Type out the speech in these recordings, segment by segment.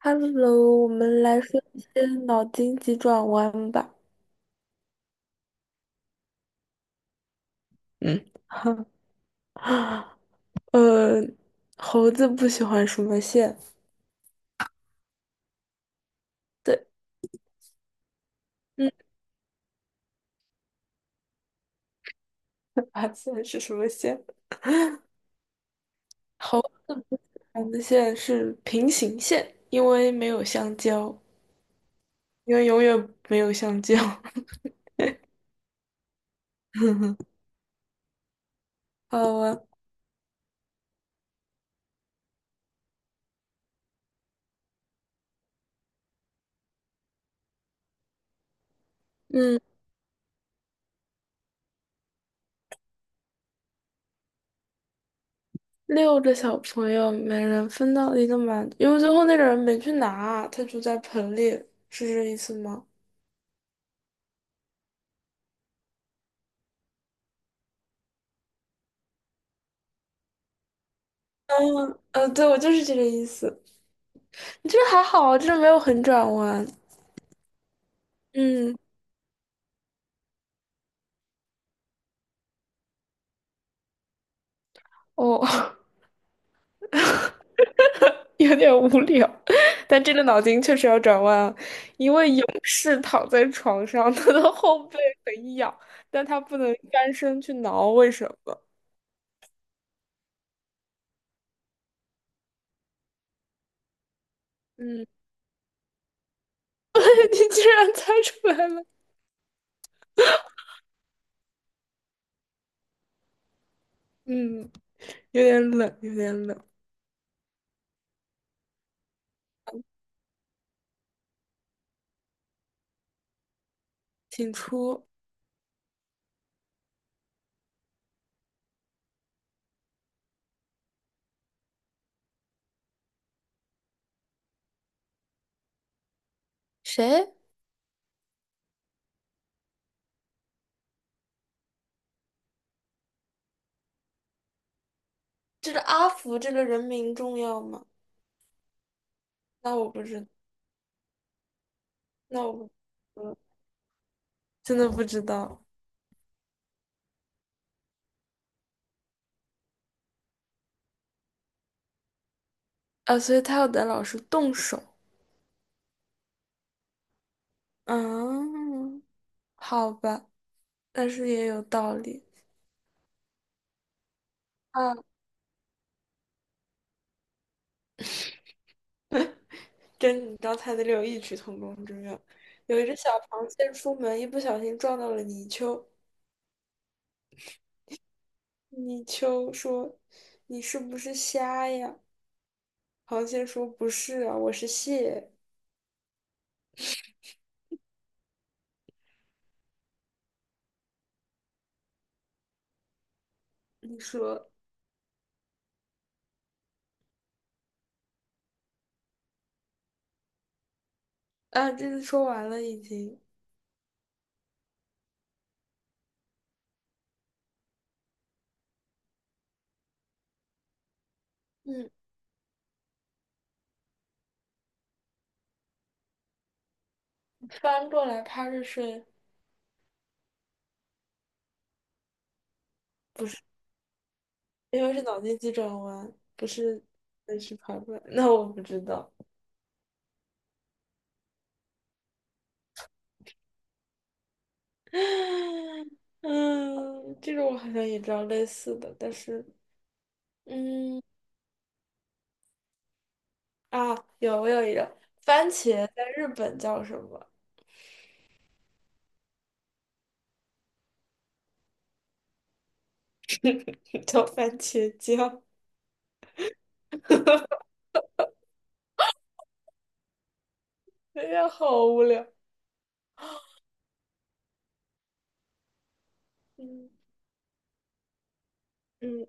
Hello，我们来说一些脑筋急转弯吧。嗯。呃，猴子不喜欢什么线？对。嗯。啊，线是什么线？猴子喜欢的线是平行线，因为没有香蕉，因为永远没有香蕉。好啊。嗯。6个小朋友每人分到了一个馒头，因为最后那个人没去拿，他就在盆里，是这意思吗？对，我就是这个意思。这还好啊，这没有很转弯。嗯。哦，有点无聊，但这个脑筋确实要转弯啊。一位勇士躺在床上，他的后背很痒，但他不能翻身去挠，为什么？嗯，你居然猜出来了。嗯，有点冷，有点冷。请出。谁？这个阿福这个人名重要吗？那我不知，那我不，嗯，真的不知道。啊。所以他要等老师动手。嗯。好吧，但是也有道理。啊。跟你刚才的有异曲同工之妙。有一只小螃蟹出门，一不小心撞到了泥鳅。泥鳅说：“你是不是瞎呀？”螃蟹说：“不是啊，我是蟹。”你说啊，这次说完了已经。嗯，翻过来趴着睡。不是，因为是脑筋急转弯，不是，那是爬过来。那我不知道。嗯，这个我好像也知道类似的，但是，嗯，啊，我有一个。番茄在日本叫什么？叫番茄酱。哎呀，好无聊。嗯嗯。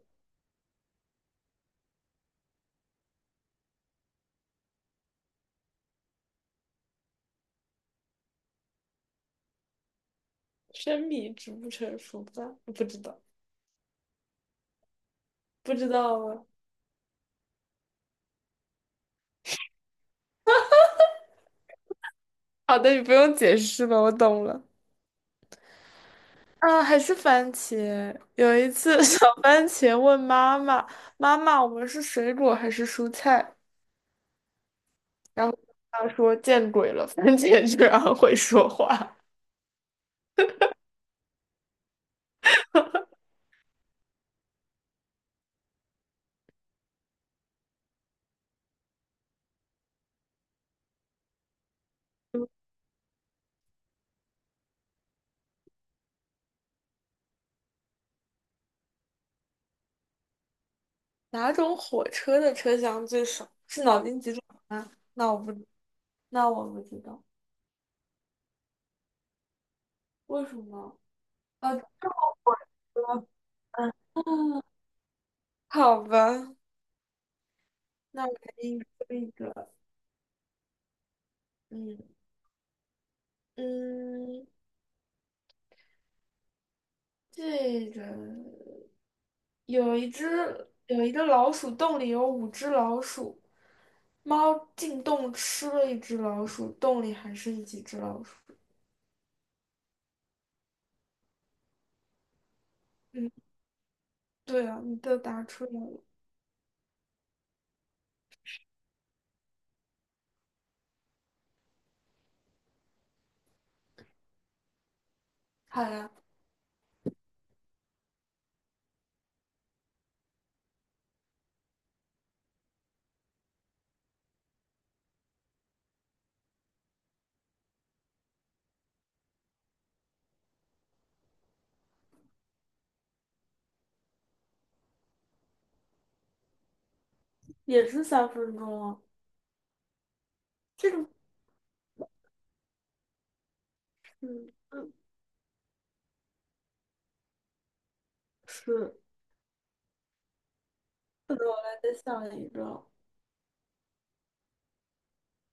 生米煮不成熟饭，不知道，不知道吗？好的，你不用解释了，我懂了。啊，还是番茄。有一次，小番茄问妈妈：“妈妈，我们是水果还是蔬菜？”然后他说见鬼了，番茄居然会说话。哪种火车的车厢最少？是脑筋急转弯？那我不知道，为什么？啊，知道。嗯。好吧。那我给你说一个。嗯嗯，这个有一个老鼠洞里有5只老鼠，猫进洞吃了一只老鼠，洞里还剩几只老鼠？嗯，对啊，你都答出来了。好呀。也是3分钟啊。这个，嗯嗯，是，还得想一个。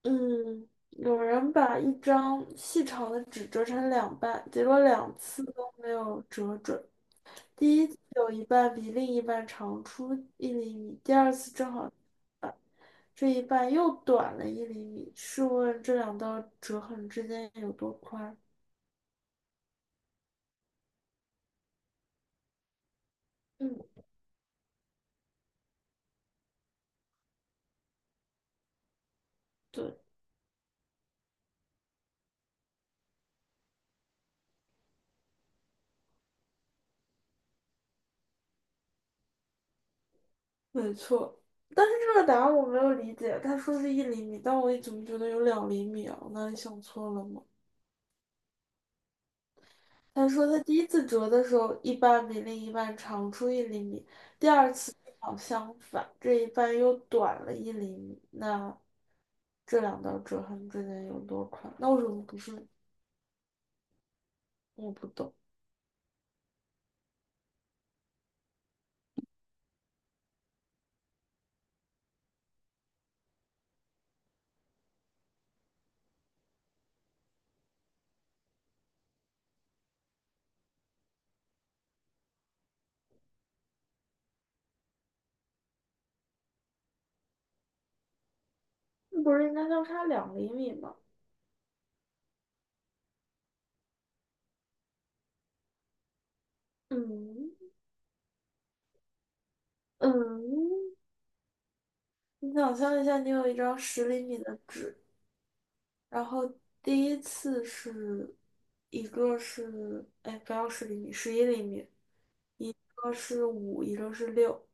嗯，有人把一张细长的纸折成两半，结果两次都没有折准。第一次有一半比另一半长出一厘米，第二次正好这一半又短了一厘米。试问这两道折痕之间有多宽？嗯。对。没错。但是这个答案我没有理解，他说是一厘米，但我怎么觉得有两厘米啊？我哪里想错了吗？他说他第一次折的时候，一半比另一半长出一厘米，好相反，这一半又短了一厘米。那这两道折痕之间有多宽？那为什么不是？我不懂。不是应该相差两厘米吗？嗯嗯，你想象一下，你有一张十厘米的纸。然后第一次是一个是哎不要十厘米，11厘米，一个是五，一个是六。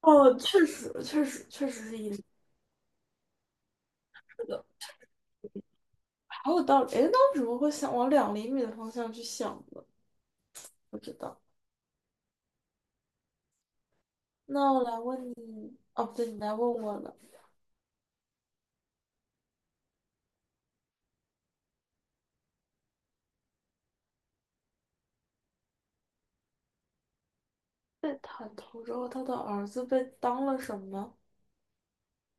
哦，确实确实确实是一厘米的。好有道理。哎，那为什么会想往两厘米的方向去想呢？不知道。那我来问你，哦不对，你来问我了。被砍头之后，他的儿子被当了什么？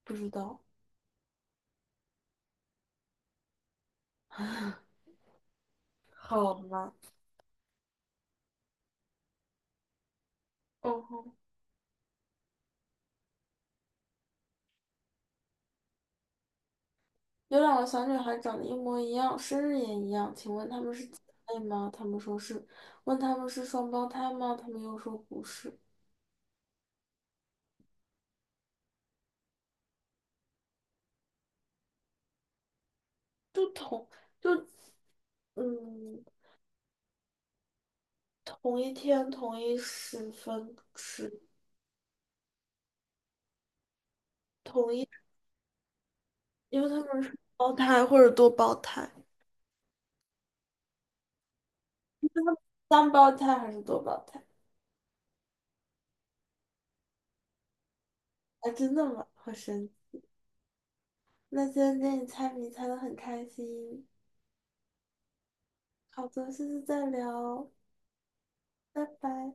不知道。好吗？哦，有2个小女孩长得一模一样，生日也一样，请问她们是姐妹吗？她们说是。问她们是双胞胎吗？她们又说不是。就同就嗯，同一天、同一时分、是同一，因为她们是胞胎或者多胞胎。三胞胎还是多胞胎？啊，真的吗？好神奇！那今天跟你猜谜猜的很开心。好的，下次再聊。拜拜。